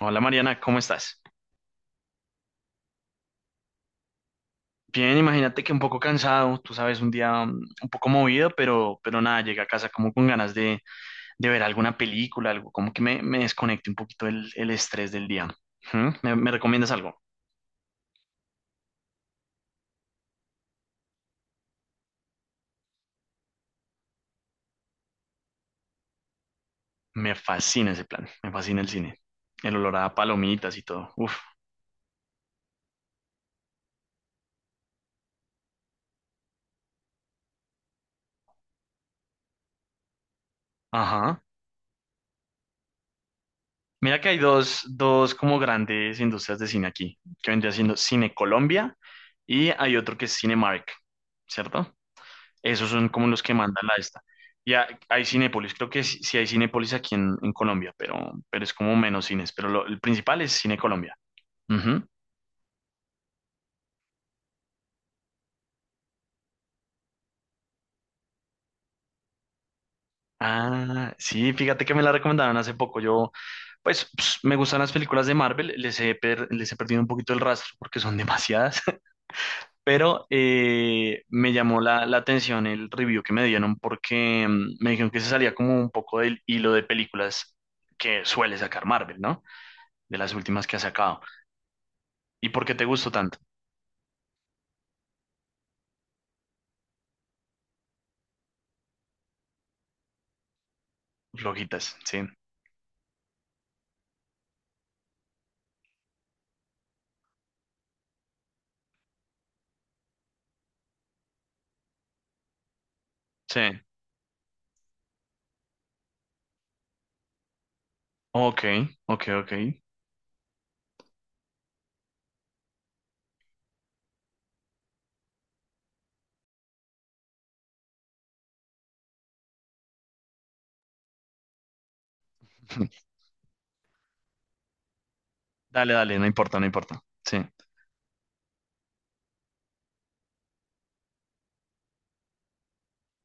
Hola Mariana, ¿cómo estás? Bien, imagínate que un poco cansado, tú sabes, un día un poco movido, pero nada, llegué a casa como con ganas de ver alguna película, algo como que me desconecte un poquito el estrés del día. ¿Mm? ¿Me recomiendas algo? Me fascina ese plan, me fascina el cine, el olor a palomitas y todo. Uf, ajá. Mira que hay dos como grandes industrias de cine aquí, que vendría siendo Cine Colombia y hay otro que es Cinemark, ¿cierto? Esos son como los que mandan la esta. Ya hay Cinépolis, creo que sí, sí hay Cinépolis aquí en Colombia, pero es como menos cines. Pero el principal es Cine Colombia. Ujú. Ah, sí, fíjate que me la recomendaron hace poco. Yo, pues, me gustan las películas de Marvel, les he perdido un poquito el rastro porque son demasiadas, pero me llamó la atención el review que me dieron porque me dijeron que se salía como un poco del hilo de películas que suele sacar Marvel, ¿no? De las últimas que ha sacado. ¿Y por qué te gustó tanto? Flojitas, sí, sí. Ok, ok, ok. Dale, dale, no importa, no importa. Sí,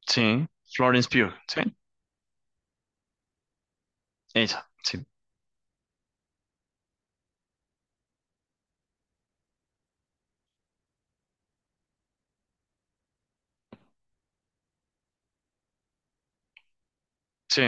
sí. Florence Pugh, sí. Esa, sí, sí.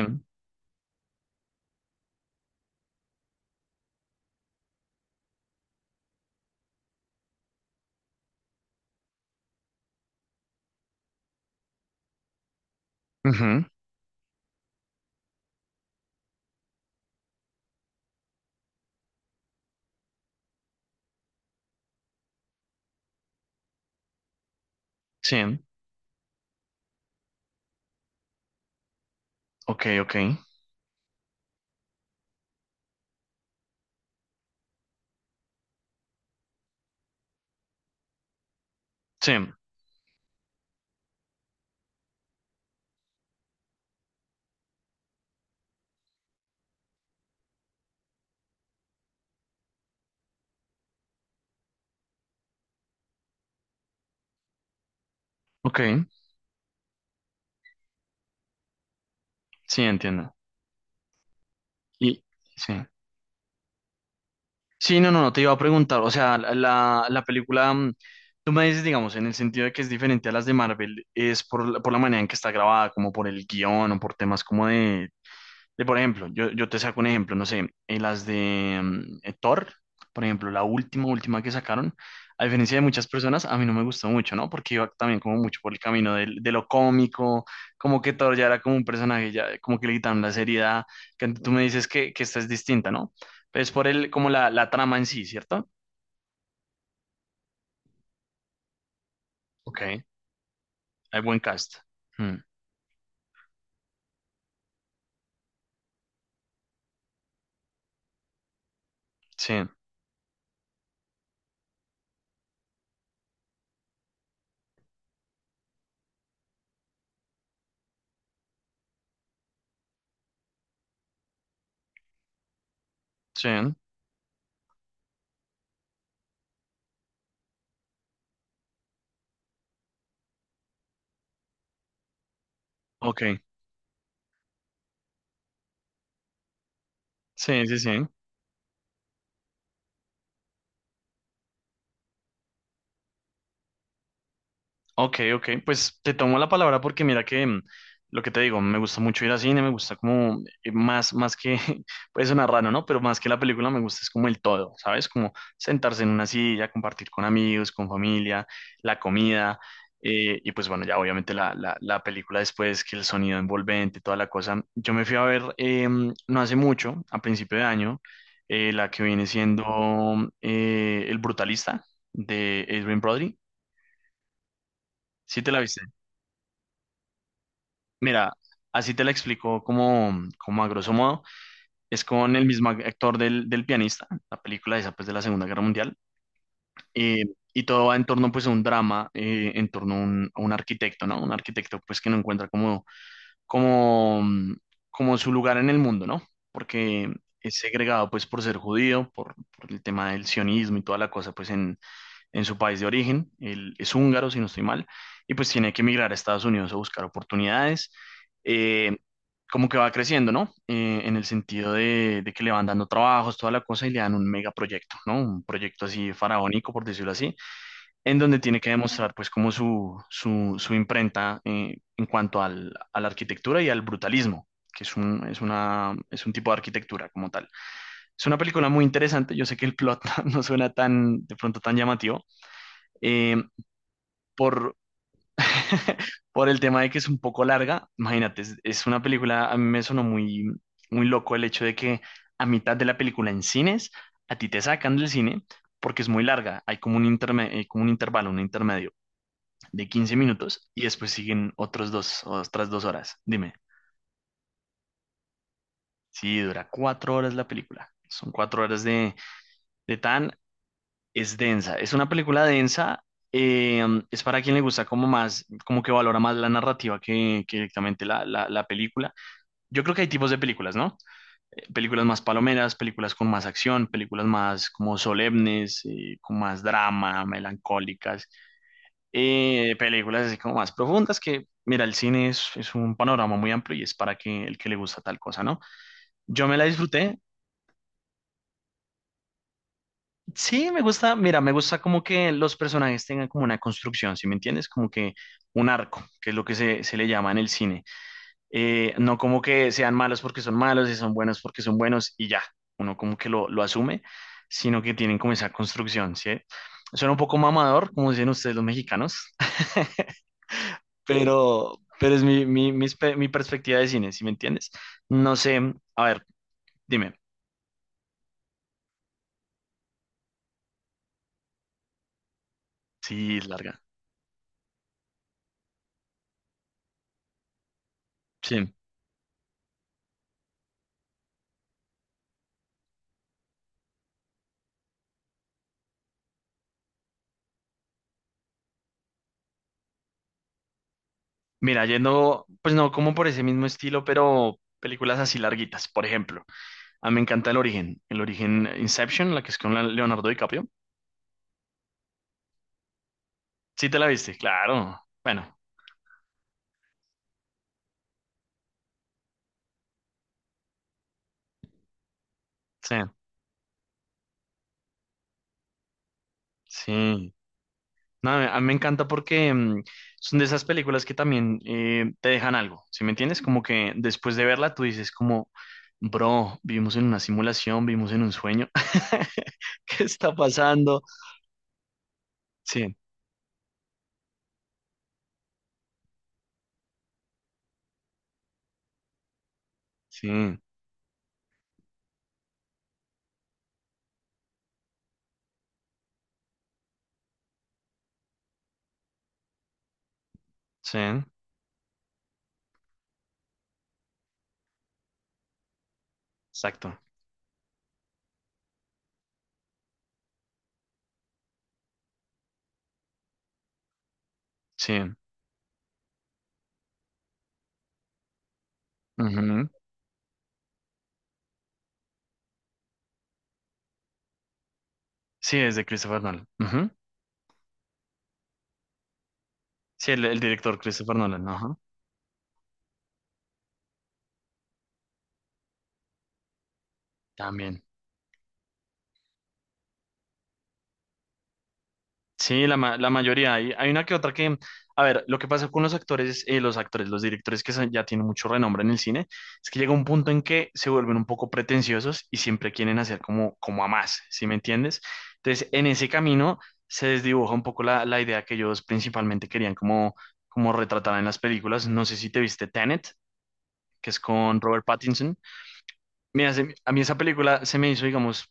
Ujú, sí, ok, ok. Sí, ok, sí, entiendo. Y, sí. Sí, no, no, no, te iba a preguntar, o sea, la película, tú me dices, digamos, en el sentido de que es diferente a las de Marvel, es por, por la manera en que está grabada, como por el guión o por temas como de. De, por ejemplo, yo te saco un ejemplo, no sé, en las de Thor, por ejemplo, la última, última que sacaron, a diferencia de muchas personas, a mí no me gustó mucho, ¿no? Porque iba también como mucho por el camino de lo cómico, como que Thor ya era como un personaje, ya como que le quitaron la seriedad, que tú me dices que esta es distinta, ¿no? Pero es por el, como la trama en sí, ¿cierto? Ok, hay buen cast. Mm, sí, sí, ok, sí, sí, sí. Ok, ok, pues te tomo la palabra porque mira que lo que te digo, me gusta mucho ir al cine, me gusta como más que, puede sonar raro, ¿no? Pero más que la película me gusta es como el todo, ¿sabes? Como sentarse en una silla, compartir con amigos, con familia, la comida, y pues bueno, ya obviamente la película después, que el sonido envolvente, toda la cosa. Yo me fui a ver no hace mucho, a principio de año, la que viene siendo El Brutalista de Adrien Brody. ¿Sí te la viste? Mira, así te la explico como a grosso modo. Es con el mismo actor del pianista, la película esa pues de la Segunda Guerra Mundial. Eh, y todo va en torno pues a un drama, en torno a un arquitecto, ¿no? Un arquitecto pues que no encuentra como, mm, como su lugar en el mundo, ¿no? Porque es segregado pues por ser judío, por el tema del sionismo y toda la cosa pues en su país de origen, él es húngaro, si no estoy mal, y pues tiene que emigrar a Estados Unidos a buscar oportunidades, eh, como que va creciendo, ¿no? En el sentido de que le van dando trabajos, toda la cosa, y le dan un megaproyecto, ¿no? Un proyecto así faraónico, por decirlo así, en donde tiene que demostrar pues como su imprenta en cuanto a la arquitectura y al brutalismo. Que es un tipo de arquitectura como tal. Es una película muy interesante, yo sé que el plot no suena tan, de pronto tan llamativo, eh, por, por el tema de que es un poco larga. Imagínate, es una película, a mí me sonó muy, muy loco el hecho de que a mitad de la película en cines, a ti te sacan del cine porque es muy larga. Hay como un intervalo, un intermedio de 15 minutos y después siguen otras dos horas. Dime, si dura 4 horas la película. Son 4 horas de tan. Es densa, es una película densa, eh, es para quien le gusta como más, como que valora más la narrativa que directamente la película. Yo creo que hay tipos de películas, ¿no? Películas más palomeras, películas con más acción, películas más como solemnes, con más drama, melancólicas, películas así como más profundas que, mira, el cine es un panorama muy amplio y es para que, el que le gusta tal cosa, ¿no? Yo me la disfruté. Sí, me gusta, mira, me gusta como que los personajes tengan como una construcción, ¿sí me entiendes? Como que un arco, que es lo que se le llama en el cine. No como que sean malos porque son malos y son buenos porque son buenos y ya, uno como que lo asume, sino que tienen como esa construcción, ¿sí? Suena un poco mamador, como dicen ustedes los mexicanos, pero es mi perspectiva de cine, ¿sí me entiendes? No sé, a ver, dime, sí, es larga, sí. Mira, yendo, pues no como por ese mismo estilo, pero películas así larguitas, por ejemplo. A mí me encanta El Origen, El Origen Inception, la que es con Leonardo DiCaprio. Sí te la viste, claro. Bueno, sí, sí. No, a mí me encanta porque son de esas películas que también te dejan algo, ¿sí me entiendes? Como que después de verla tú dices como, bro, vivimos en una simulación, vivimos en un sueño. ¿Qué está pasando? Sí, sí, sí, exacto, sí. Ujú. Sí, es de Christopher Nolan. Ujú. Sí, el director Christopher Nolan, ajá. También. Sí, la mayoría. Hay una que otra que, a ver, lo que pasa con los actores, los directores que ya tienen mucho renombre en el cine, es que llega un punto en que se vuelven un poco pretenciosos y siempre quieren hacer como a más, ¿sí me entiendes? Entonces, en ese camino se desdibuja un poco la idea que ellos principalmente querían como retratar en las películas. No sé si te viste Tenet, que es con Robert Pattinson. Mira, a mí esa película se me hizo, digamos,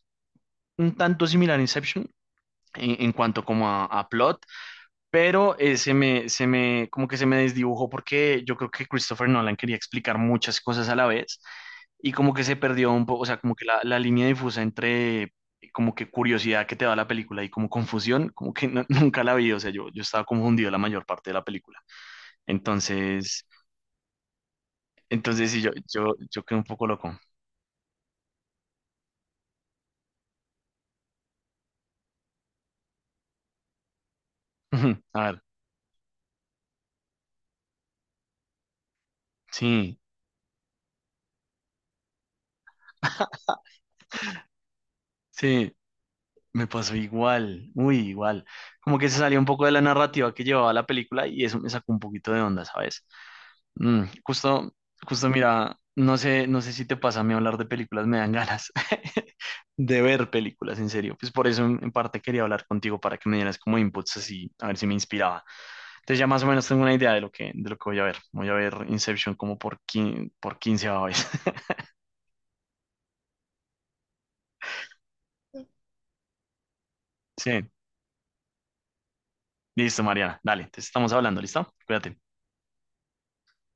un tanto similar a Inception en cuanto como a plot, pero se me desdibujó porque yo creo que Christopher Nolan quería explicar muchas cosas a la vez y como que se perdió un poco, o sea, como que la línea difusa entre como que curiosidad que te da la película y como confusión, como que nunca la vi, o sea, yo estaba confundido la mayor parte de la película. Entonces, entonces sí, yo quedé un poco loco. A ver, sí, sí. Me pasó igual, muy igual. Como que se salió un poco de la narrativa que llevaba la película y eso me sacó un poquito de onda, ¿sabes? Mm, justo mira, no sé si te pasa a mí hablar de películas, me dan ganas de ver películas, en serio. Pues por eso en parte quería hablar contigo para que me dieras como inputs así, a ver si me inspiraba. Entonces ya más o menos tengo una idea de lo que voy a ver. Voy a ver Inception como por quince vez. Sí, listo, Mariana. Dale, te estamos hablando, ¿listo? Cuídate.